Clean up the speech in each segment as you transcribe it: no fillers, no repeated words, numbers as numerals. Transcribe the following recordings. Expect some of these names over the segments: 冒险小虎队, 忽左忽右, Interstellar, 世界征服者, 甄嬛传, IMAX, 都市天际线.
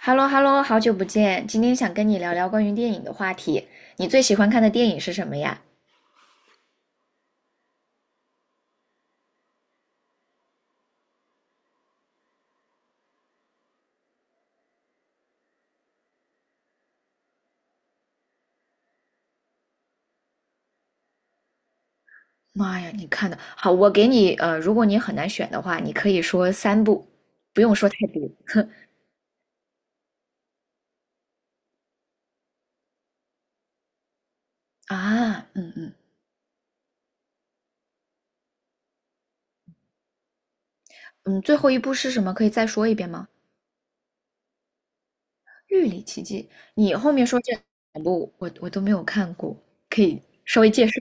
哈喽哈喽，好久不见，今天想跟你聊聊关于电影的话题。你最喜欢看的电影是什么呀？妈呀，你看的好，我给你如果你很难选的话，你可以说3部，不用说太多。啊，嗯嗯嗯，最后一部是什么？可以再说一遍吗？《玉里奇迹》，你后面说这两部我都没有看过，可以稍微介绍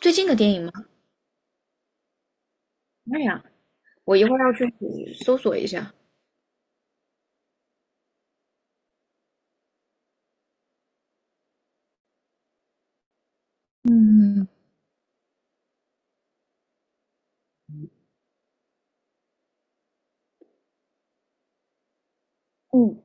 最近的电影吗？妈呀，我一会儿要去搜索一下。嗯嗯，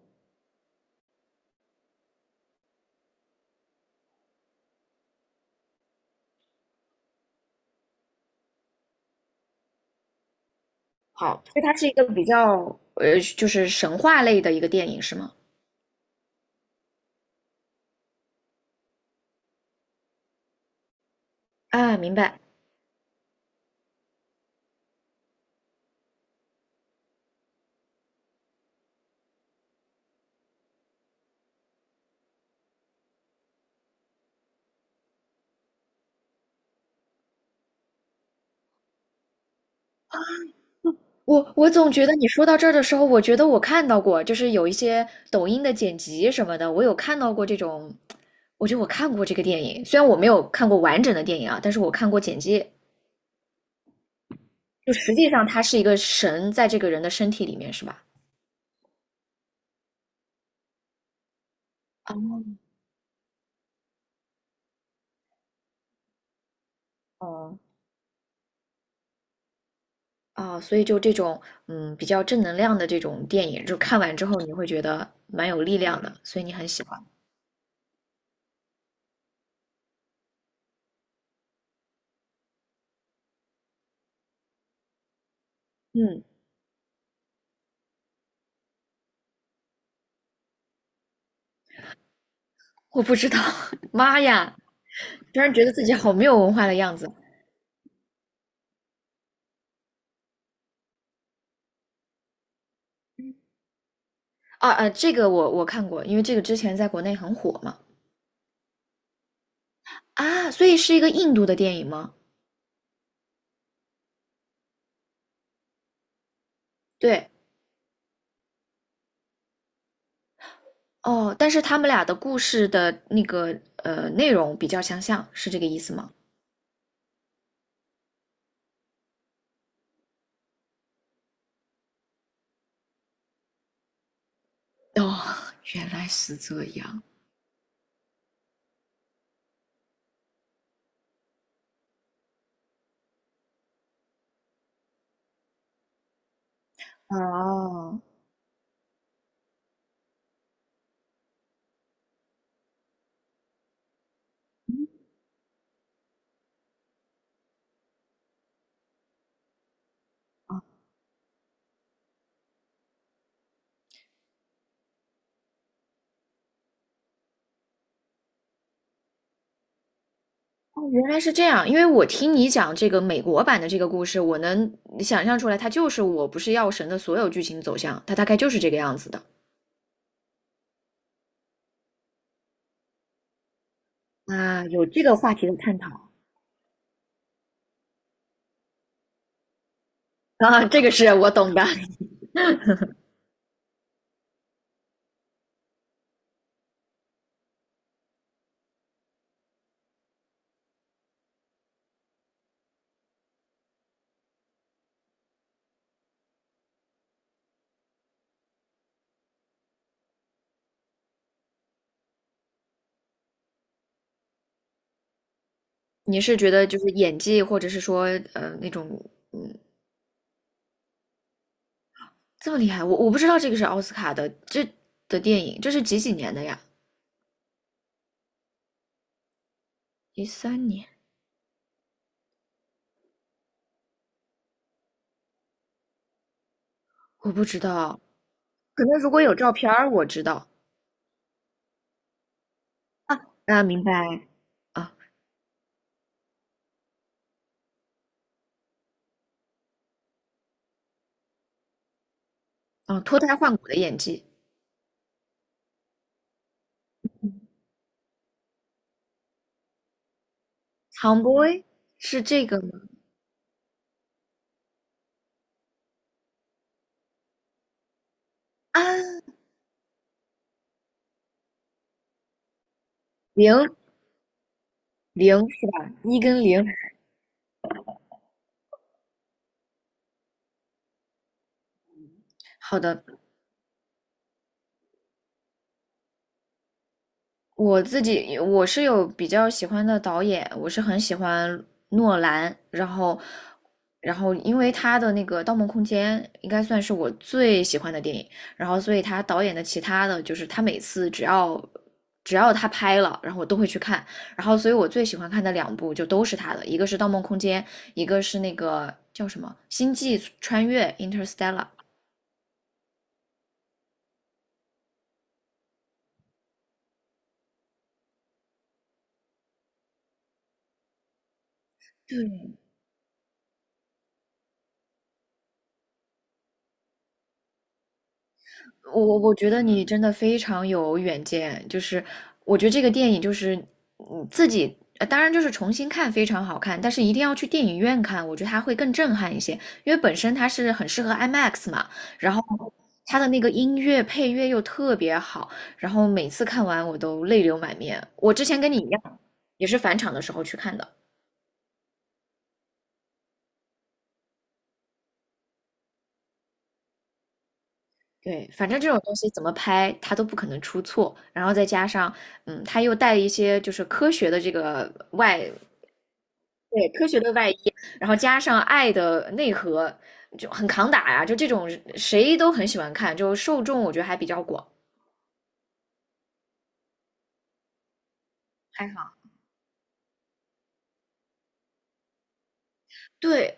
好，所以它是一个比较就是神话类的一个电影，是吗？啊，明白。我总觉得你说到这儿的时候，我觉得我看到过，就是有一些抖音的剪辑什么的，我有看到过这种，我觉得我看过这个电影，虽然我没有看过完整的电影啊，但是我看过剪辑。就实际上它是一个神在这个人的身体里面，是吧？哦哦啊，所以就这种嗯比较正能量的这种电影，就看完之后你会觉得蛮有力量的，所以你很喜欢。嗯。我不知道，妈呀！突然觉得自己好没有文化的样子啊！这个我看过，因为这个之前在国内很火嘛。啊，所以是一个印度的电影吗？对，哦，但是他们俩的故事的那个内容比较相像，是这个意思吗？哦，原来是这样。哦，哦，原来是这样。因为我听你讲这个美国版的这个故事，我能想象出来，它就是《我不是药神》的所有剧情走向，它大概就是这个样子的。啊，有这个话题的探讨。啊，这个是我懂的。你是觉得就是演技，或者是说那种这么厉害？我不知道这个是奥斯卡的这的电影，这是几几年的呀？13年，我不知道。可能如果有照片儿，我知道啊啊，明白啊啊，脱胎换骨的演技，Tomboy 是这个吗？啊，零零是吧？一跟零。好的，我自己我是有比较喜欢的导演，我是很喜欢诺兰，然后，然后因为他的那个《盗梦空间》应该算是我最喜欢的电影，然后所以他导演的其他的就是他每次只要他拍了，然后我都会去看，然后所以我最喜欢看的两部就都是他的，一个是《盗梦空间》，一个是那个叫什么《星际穿越》（Interstellar），我觉得你真的非常有远见，就是我觉得这个电影就是你自己，当然就是重新看非常好看，但是一定要去电影院看，我觉得它会更震撼一些，因为本身它是很适合 IMAX 嘛，然后它的那个音乐配乐又特别好，然后每次看完我都泪流满面。我之前跟你一样，也是返场的时候去看的。对，反正这种东西怎么拍，它都不可能出错。然后再加上，嗯，它又带一些就是科学的这个外对，科学的外衣，然后加上爱的内核，就很扛打呀。就这种谁都很喜欢看，就受众我觉得还比较广，还好。对，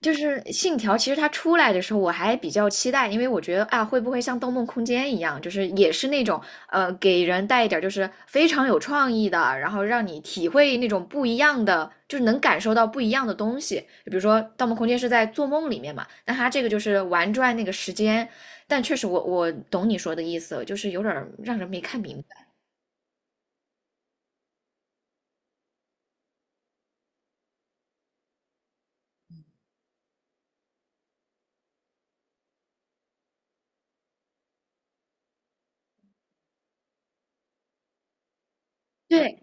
就是信条，其实它出来的时候我还比较期待，因为我觉得啊，会不会像《盗梦空间》一样，就是也是那种给人带一点儿就是非常有创意的，然后让你体会那种不一样的，就是能感受到不一样的东西。比如说《盗梦空间》是在做梦里面嘛，那它这个就是玩转那个时间，但确实我懂你说的意思，就是有点儿让人没看明白。对，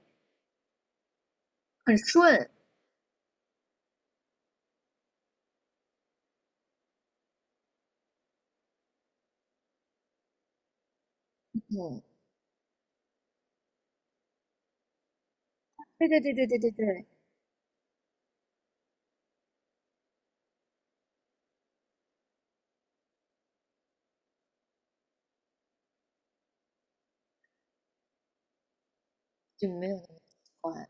很顺。对对对对对对对，就没有那么喜欢。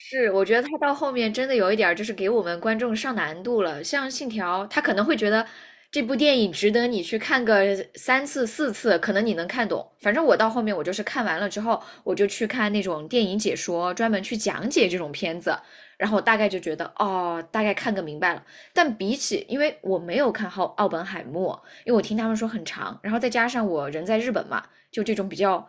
是，我觉得他到后面真的有一点儿就是给我们观众上难度了。像《信条》，他可能会觉得这部电影值得你去看个3次4次，可能你能看懂。反正我到后面我就是看完了之后，我就去看那种电影解说，专门去讲解这种片子，然后我大概就觉得哦，大概看个明白了。但比起，因为我没有看好《奥本海默》，因为我听他们说很长，然后再加上我人在日本嘛，就这种比较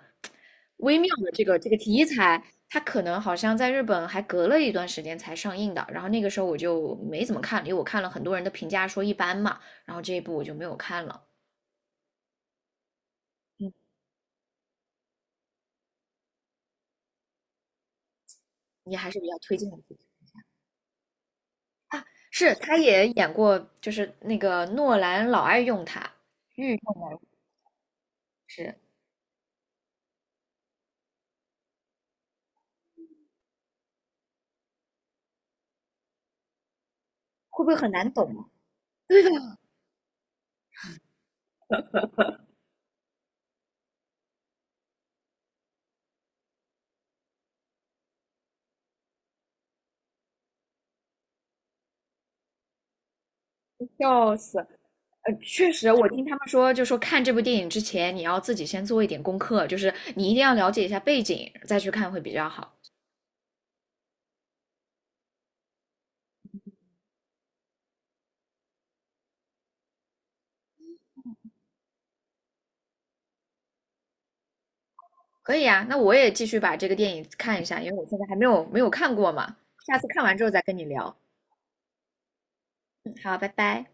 微妙的这个这个题材，它可能好像在日本还隔了一段时间才上映的。然后那个时候我就没怎么看，因为我看了很多人的评价说一般嘛，然后这一部我就没有看了。嗯，你还是比较推荐的啊。是，他也演过，就是那个诺兰老爱用他，御用是会不会很难懂啊？对的，笑死。确实，我听他们说，就说看这部电影之前，你要自己先做一点功课，就是你一定要了解一下背景，再去看会比较好。可以啊，那我也继续把这个电影看一下，因为我现在还没有看过嘛，下次看完之后再跟你聊。嗯，好，拜拜。